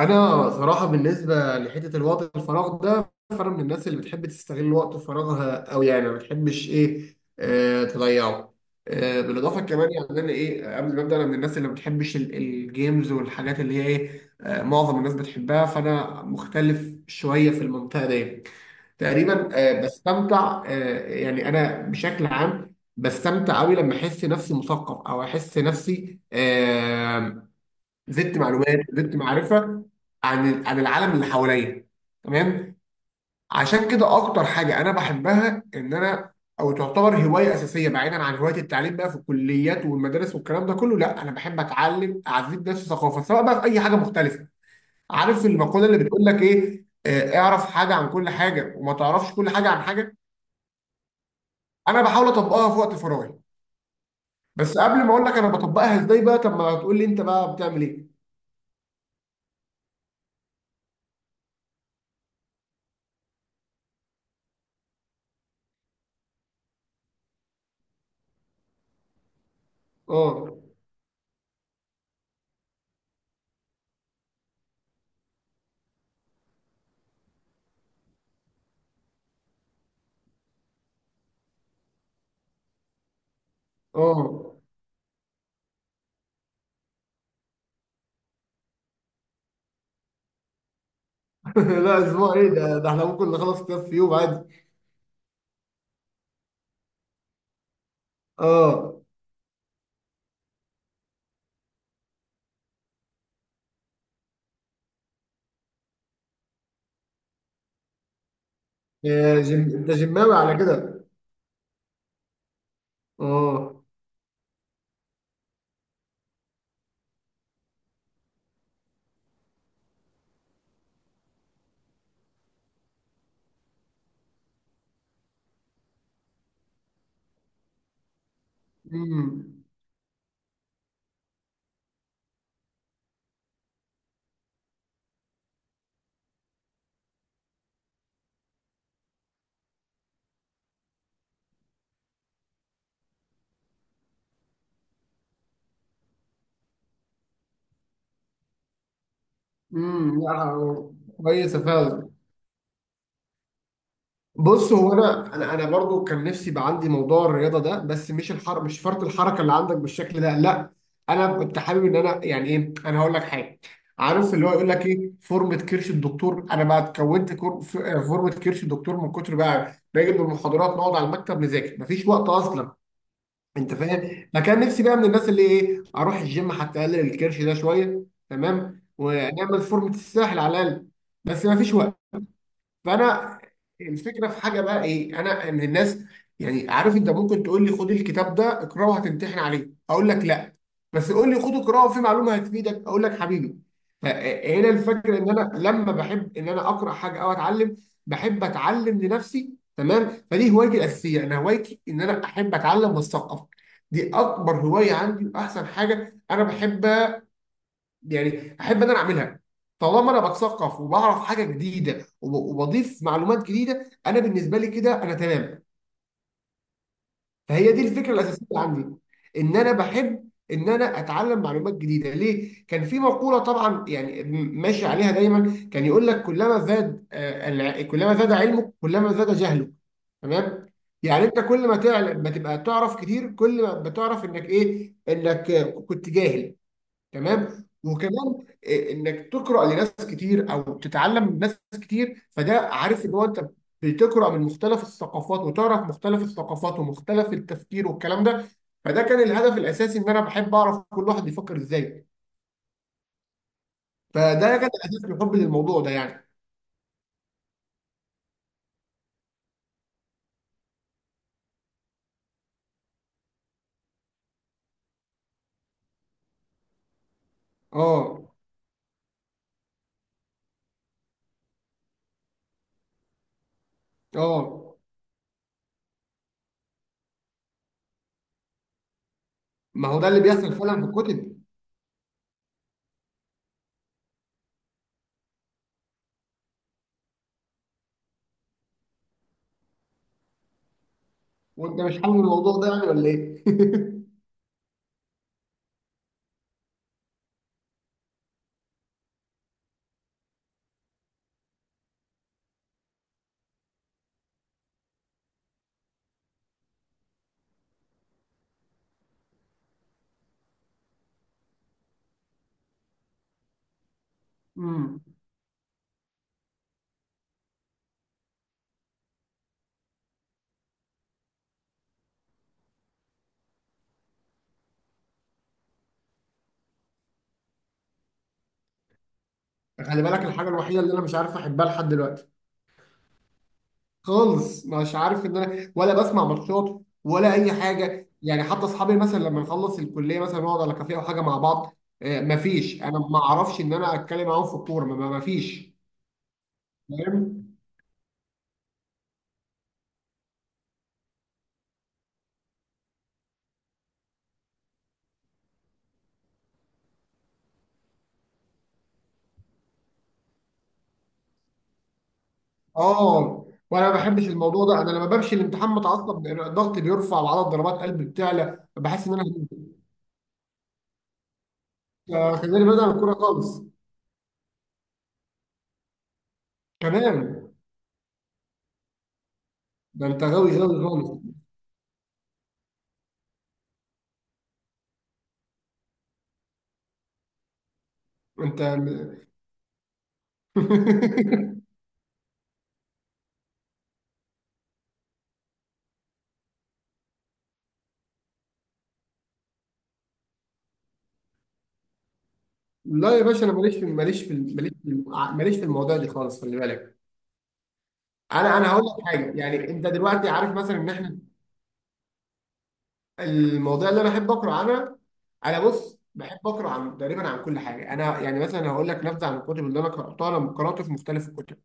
انا صراحه بالنسبه لحته الوقت الفراغ ده، فانا من الناس اللي بتحب تستغل وقت فراغها، او يعني ما بتحبش ايه آه تضيعه. بالاضافه كمان يعني انا قبل ما ابدا، انا من الناس اللي ما بتحبش الجيمز والحاجات اللي هي ايه آه معظم الناس بتحبها، فانا مختلف شويه في المنطقه دي. تقريبا بستمتع، يعني انا بشكل عام بستمتع قوي لما احس نفسي مثقف، او احس نفسي زدت معلومات، زدت معرفه عن العالم اللي حواليا. تمام. عشان كده اكتر حاجه انا بحبها، ان انا او تعتبر هوايه اساسيه بعيدا عن هوايه التعليم بقى في الكليات والمدارس والكلام ده كله، لا انا بحب اتعلم، اعزز نفسي ثقافه، سواء بقى في اي حاجه مختلفه. عارف المقوله اللي بتقول لك ايه آه، اعرف حاجه عن كل حاجه وما تعرفش كل حاجه عن حاجه. انا بحاول اطبقها في وقت فراغي. بس قبل ما اقول لك انا بطبقها ازاي بقى، طب ما تقول لي انت بقى بتعمل ايه؟ اه. اه. لا اسبوع ايه ده احنا ممكن نخلص كتاب في يوم عادي. اه. انت جماوي على كده؟ اه. امم. امم. لا، كويسه فعلا. بص، هو انا برضو كان نفسي يبقى عندي موضوع الرياضه ده، بس مش الحر، مش فرط الحركه اللي عندك بالشكل ده، لا. انا كنت حابب ان انا، يعني ايه، انا هقول لك حاجه. عارف اللي هو يقول لك ايه، فورمه كرش الدكتور؟ انا بقى اتكونت فورمه كرش الدكتور من كتر بقى باجي من المحاضرات، نقعد على المكتب نذاكر، مفيش وقت اصلا. انت فاهم، فكان نفسي بقى من الناس اللي ايه، اروح الجيم حتى اقلل الكرش ده شويه، تمام، ونعمل فورمه الساحل على الاقل. بس ما فيش وقت. فانا الفكره في حاجه بقى ايه انا، ان الناس، يعني عارف، انت ممكن تقول لي خد الكتاب ده اقراه هتمتحن عليه، اقول لك لا. بس قول لي خد اقراه في معلومه هتفيدك، اقول لك حبيبي. فهنا الفكره، ان انا لما بحب ان انا اقرا حاجه او اتعلم، بحب اتعلم لنفسي، تمام. فدي هوايتي الاساسيه، انا هوايتي ان انا احب اتعلم واثقف، دي اكبر هوايه عندي واحسن حاجه انا بحب، يعني احب انا اعملها. طالما انا بتثقف وبعرف حاجه جديده وبضيف معلومات جديده، انا بالنسبه لي كده انا تمام. فهي دي الفكره الاساسيه عندي، ان انا بحب ان انا اتعلم معلومات جديده. ليه؟ كان في مقوله طبعا يعني ماشي عليها دايما، كان يقول لك، كلما زاد كلما زاد علمك، كلما زاد جهلك، تمام. يعني انت كل ما تعلم، ما تبقى تعرف كتير، كل ما بتعرف انك ايه، انك كنت جاهل، تمام. وكمان انك تقرا لناس كتير، او تتعلم من ناس كتير، فده عارف اللي هو انت بتقرا من مختلف الثقافات وتعرف مختلف الثقافات ومختلف التفكير والكلام ده. فده كان الهدف الاساسي، ان انا بحب اعرف كل واحد بيفكر ازاي. فده كان اساس حبي للموضوع ده يعني. اه. اه. ما هو ده اللي بيحصل فعلا في الكتب. وانت مش حابب الموضوع ده يعني ولا ايه؟ امم. خلي بالك، الحاجه الوحيده اللي انا مش عارف احبها لحد دلوقتي خالص، مش عارف ان انا، ولا بسمع ماتشات ولا اي حاجه يعني. حتى اصحابي مثلا لما نخلص الكليه مثلا نقعد على كافيه او حاجه مع بعض، مفيش، انا ما اعرفش ان انا اتكلم معاهم في الكوره، مفيش. فاهم. اه. وانا ما بحبش الموضوع ده، انا لما بمشي الامتحان متعصب، الضغط بيرفع وعدد ضربات قلبي بتعلى، بحس ان انا هموت. خلاني بعيد عن الكوره خالص. كمان، ده انت غاوي غاوي خالص انت. لا يا باشا، انا ماليش في المواضيع دي خالص، خلي بالك. انا هقول لك حاجه، يعني انت دلوقتي عارف مثلا ان احنا المواضيع اللي انا بحب اقرا عنها. انا بص، بحب اقرا عن تقريبا عن كل حاجه، انا يعني مثلا هقول لك نبذه عن الكتب اللي انا قراتها. انا قرات في مختلف الكتب،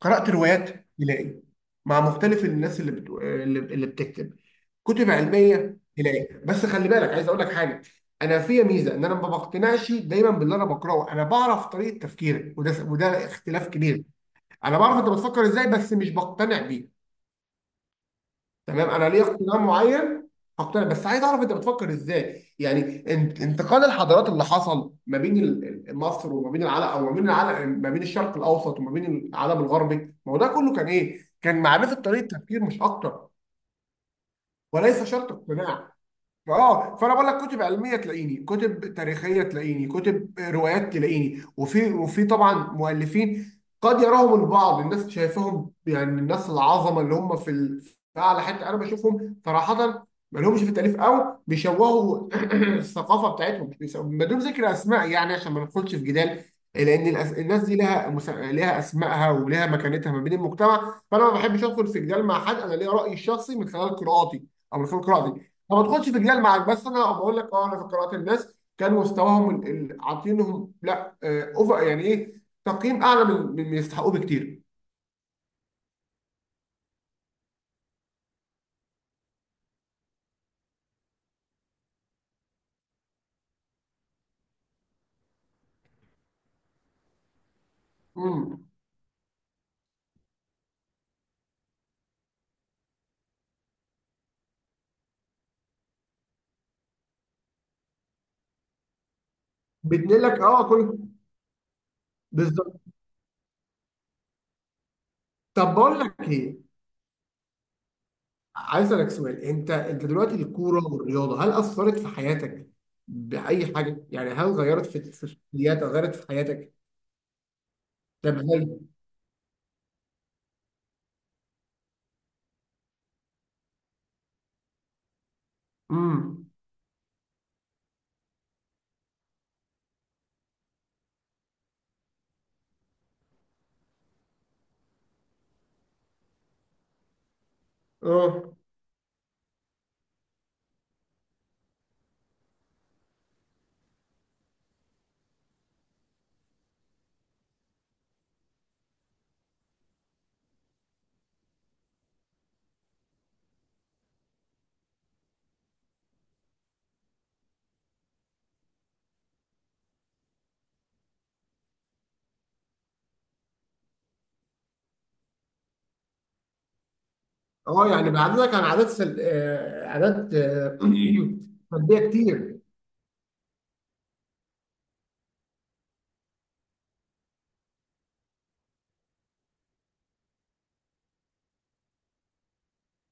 قرأت روايات هلال مع مختلف الناس اللي اللي بتكتب، كتب علمية هلال. بس خلي بالك، عايز أقول لك حاجة. أنا فيا ميزة إن أنا ما بقتنعش دايما باللي أنا بقرأه. أنا بعرف طريقة تفكيرك، وده اختلاف كبير، أنا بعرف أنت بتفكر إزاي بس مش بقتنع بيه، تمام. انا ليا اقتناع معين، هقتنع بس عايز اعرف انت بتفكر ازاي، يعني انتقال الحضارات اللي حصل ما بين مصر وما بين العالم، او ما بين العالم، ما بين الشرق الاوسط وما بين العالم الغربي. ما هو ده كله كان ايه؟ كان معرفه طريقه تفكير مش اكتر، وليس شرط اقتناع. اه. فانا بقول لك، كتب علميه تلاقيني، كتب تاريخيه تلاقيني، كتب روايات تلاقيني، وفي طبعا مؤلفين قد يراهم البعض، الناس شايفهم يعني، الناس العظمه، اللي هم في في اعلى حته، انا بشوفهم صراحه ما لهمش في التاليف، او بيشوهوا الثقافه بتاعتهم. بدون ذكر اسماء يعني، عشان ما ندخلش في جدال، لان الناس دي لها لها اسمائها ولها مكانتها ما بين المجتمع. فانا ما بحبش ادخل في جدال مع حد، انا ليا رايي الشخصي من خلال قراءاتي، او من خلال قراءتي. ما بدخلش في جدال معاك، بس انا بقول لك، اه انا في قراءات الناس كان مستواهم عاطينهم لا اوفر، يعني ايه، تقييم اعلى من من يستحقوه بكتير. امم. بتنقل لك كل. بالظبط. طب بقول لك ايه، عايز اسالك سؤال، انت دلوقتي الكوره والرياضه هل اثرت في حياتك؟ باي حاجه يعني؟ هل غيرت في شخصياتك، غيرت في حياتك؟ طب هل؟ امم. اه. اه. يعني بعدتك عن عادات سلبيه كتير.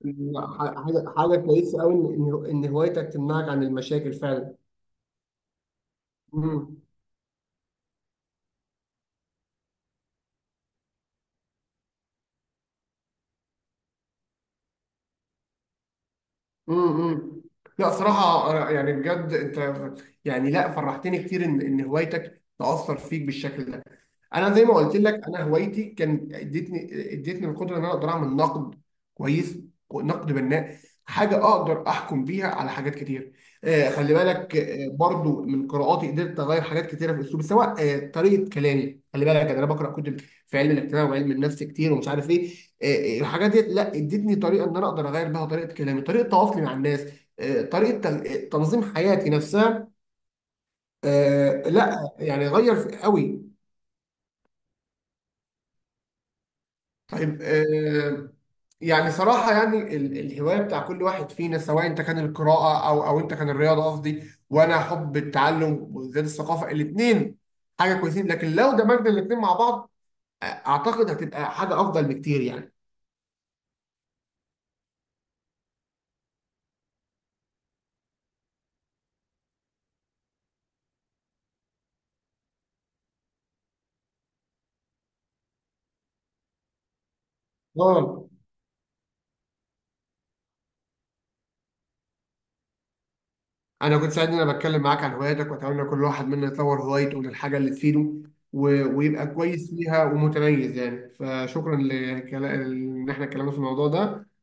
لا، حاجة كويسة أوي، إن إن هوايتك تمنعك عن المشاكل فعلا. مم. مم. مم. لا صراحة أنا، يعني بجد أنت، يعني لا، فرحتني كتير إن هوايتك تأثر فيك بالشكل ده. انا زي ما قلت لك، انا هوايتي كان ادتني، ادتني القدره ان انا اقدر اعمل نقد، كويس، نقد بناء، حاجه اقدر احكم بيها على حاجات كتير. خلي بالك، برضو من قراءاتي قدرت اغير حاجات كتيره في اسلوبي، سواء طريقه كلامي، خلي بالك، يعني انا بقرا كتب في علم الاجتماع وعلم النفس كتير ومش عارف ايه. الحاجات دي لا، ادتني طريقه ان انا اقدر اغير بيها طريقه كلامي، طريقه تواصلي مع الناس، طريقه تنظيم حياتي نفسها، لا يعني غير قوي. طيب يعني صراحة يعني الهواية بتاع كل واحد فينا، سواء انت كان القراءة، او انت كان الرياضة قصدي، وانا حب التعلم وزيادة الثقافة، الاتنين حاجة كويسين، لكن لو دمجنا الاتنين مع بعض، اعتقد هتبقى حاجة افضل بكتير يعني. اه. انا كنت سعيد ان انا بتكلم معاك عن هواياتك، واتمنى كل واحد منا يطور هوايته للحاجة اللي تفيده ويبقى كويس فيها ومتميز يعني. فشكرا ان احنا اتكلمنا في الموضوع ده.